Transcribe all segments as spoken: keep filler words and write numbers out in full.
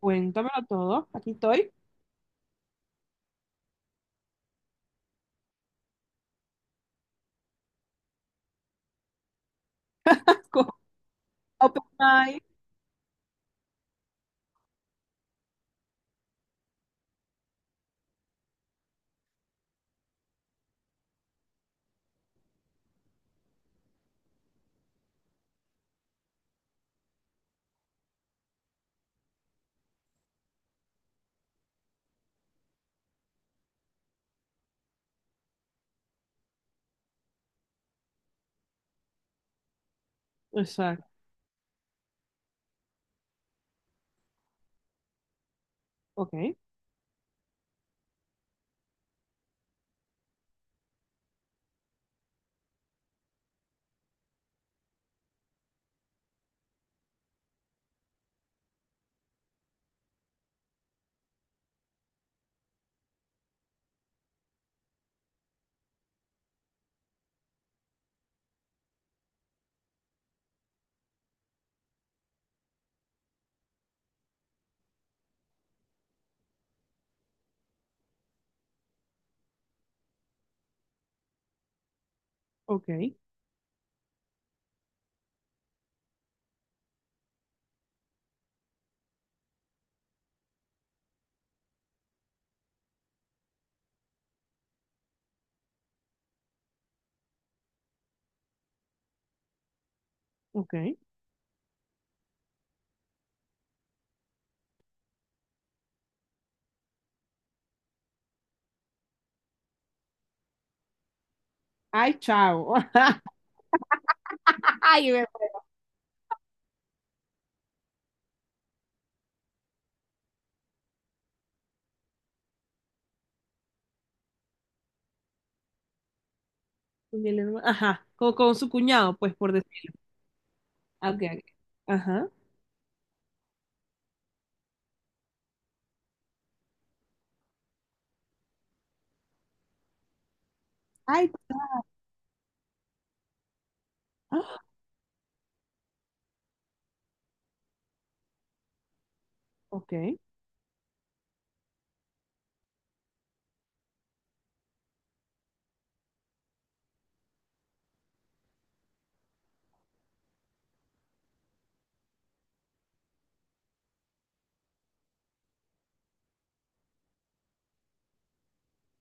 Cuéntamelo todo. Aquí estoy. Con Open mind. Exacto. Ok, ok, ok. Ay, chao. Ay, me- con el herma- ajá. Con, con su cuñado, pues, por decir. Ah, ok, ok. Ajá. Ay, ah, ok,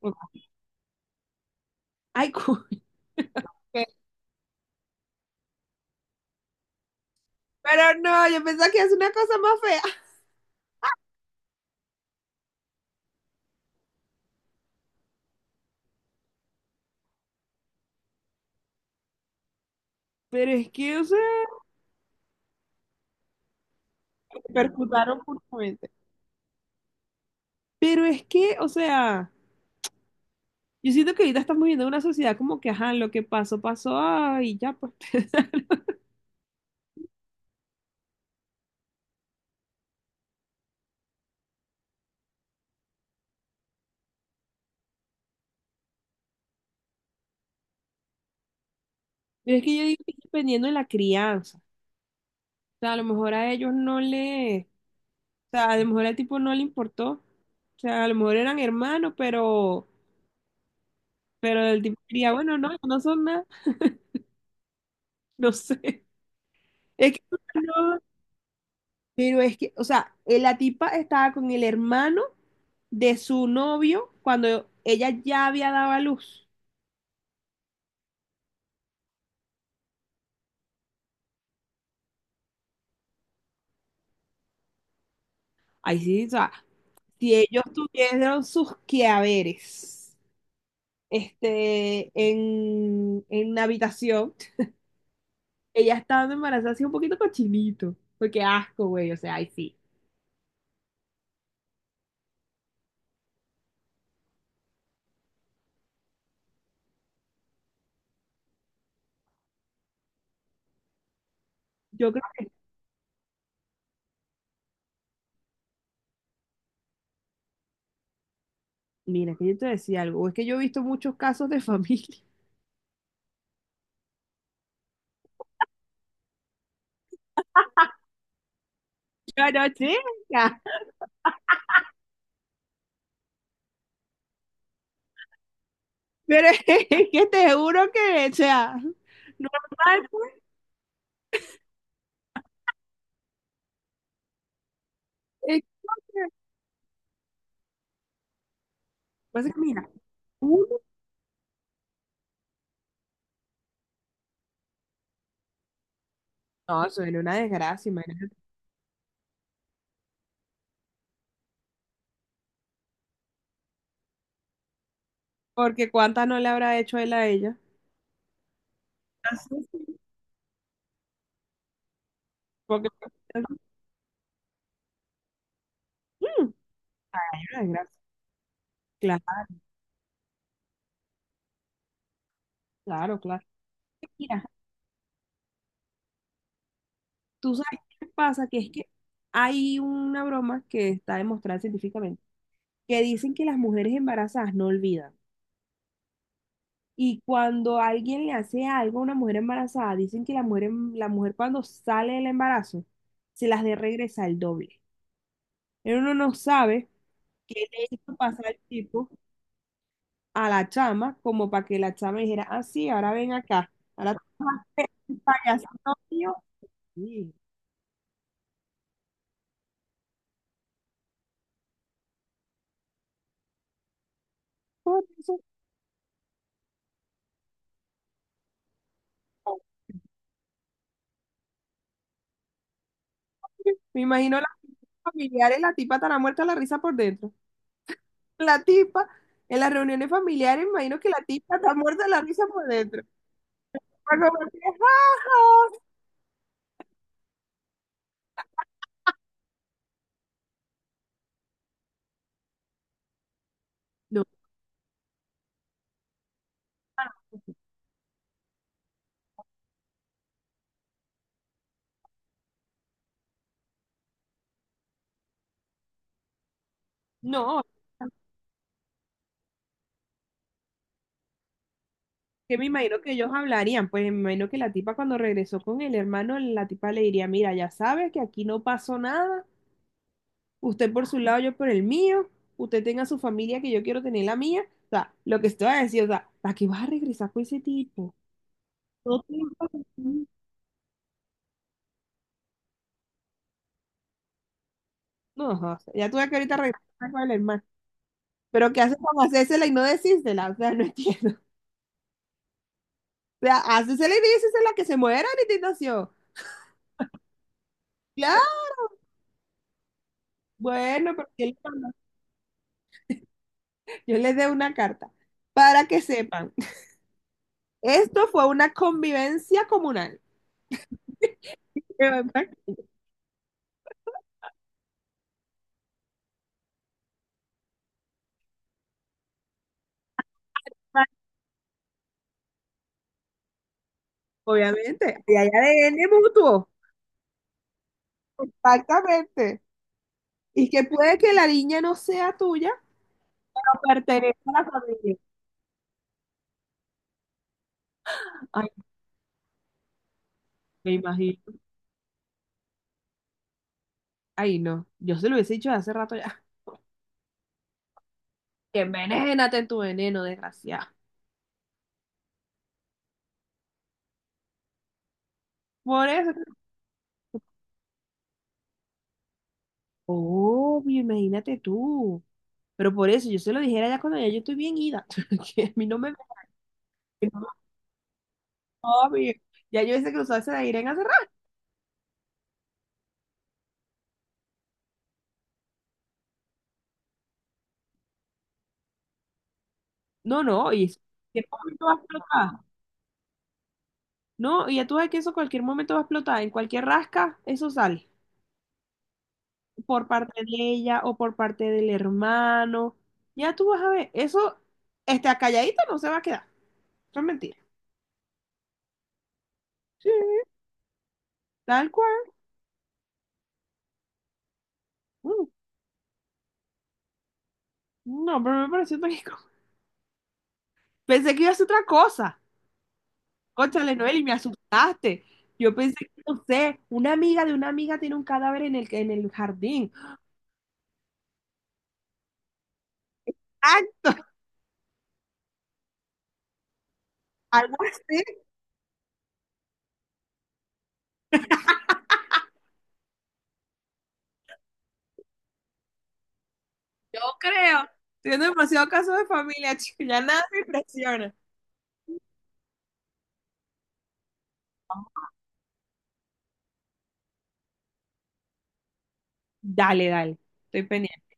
ok. Ay, cu- Pero no, yo pensaba que es una cosa más fea. Pero es que, o sea, percutaron puramente. Pero es que, o sea, yo siento que ahorita estamos viviendo una sociedad como que, ajá, lo que pasó, pasó, ay, ya, pues. Pero es que yo digo que es dependiendo de la crianza. O sea, a lo mejor a ellos no le, o sea, a lo mejor al tipo no le importó. O sea, a lo mejor eran hermanos, pero, pero el tipo diría, bueno, no, no son nada, no sé. Es que no, no, pero es que, o sea, eh, la tipa estaba con el hermano de su novio cuando ella ya había dado a luz. Ahí sí, o sea, si ellos tuvieron sus quehaceres, este, en, en la habitación. Ella estando embarazada así un poquito cochinito. Porque asco, güey. O sea, ay, sí. Yo creo que, mira, que yo te decía algo. Es que yo he visto muchos casos de familia. Yo no, chica. Pero es que te juro que, o sea, normal, pues, es que, pasa que mira, uno, no, suena una desgracia, imagínate. Porque cuánta no le habrá hecho él a ella. Así, sí. Porque, mm, una desgracia. Claro, claro, claro. Mira, tú sabes qué pasa, que es que hay una broma que está demostrada científicamente que dicen que las mujeres embarazadas no olvidan. Y cuando alguien le hace algo a una mujer embarazada, dicen que la mujer, em- la mujer cuando sale del embarazo se las de regresa el doble. Pero uno no sabe qué le hizo pasar el tipo a la chama, como para que la chama dijera, ah, sí, ahora ven acá, ahora tú vas a ser el payasito mío. Sí. Por eso, me imagino a las familiares, la tipa estará muerta de la risa por dentro. La tipa en las reuniones familiares, me imagino que la tipa está muerta de la risa por dentro. Cuando me dice, "Ja, ja". No, no, que me imagino que ellos hablarían, pues me imagino que la tipa cuando regresó con el hermano, la tipa le diría, mira, ya sabe que aquí no pasó nada, usted por su lado, yo por el mío, usted tenga su familia que yo quiero tener la mía, o sea, lo que estoy a decir, o sea, ¿para qué vas a regresar con ese tipo? No, te importa. No, o sea, ya tuve que ahorita regresar con el hermano, pero ¿qué haces con hacérsela y no decírsela? O sea, no entiendo. Sea, haces el inicio y es la que se muera la indignación. Claro, bueno, porque yo les dé una carta para que sepan. Esto fue una convivencia comunal. Obviamente, y hay A D N mutuo. Exactamente. Y que puede que la niña no sea tuya, pero pertenece a la familia. Ay, me imagino. Ay, no. Yo se lo hubiese dicho hace rato ya. Envenénate en tu veneno, desgraciado. Por eso. Obvio, imagínate tú. Pero por eso yo se lo dijera ya cuando ya yo estoy bien ida. Que a mí no me... que no me jodan. Ya yo ese cruzado se la irán a cerrar. No, no, y eso, ¿En qué momento va a explotar? No, y ya tú sabes que eso cualquier momento va a explotar. En cualquier rasca, eso sale. Por parte de ella o por parte del hermano. Ya tú vas a ver. Eso, está calladito no se va a quedar. Eso es mentira. Sí, tal cual. Mm, no, pero me pareció tan incómodo. Pensé que iba a ser otra cosa. Cónchale, Noel, y me asustaste. Yo pensé que, no sé, una amiga de una amiga tiene un cadáver en el, en el jardín. Acto, algo así. Yo creo. Teniendo demasiado caso de familia, chico, ya nada me impresiona. Dale, dale, estoy pendiente.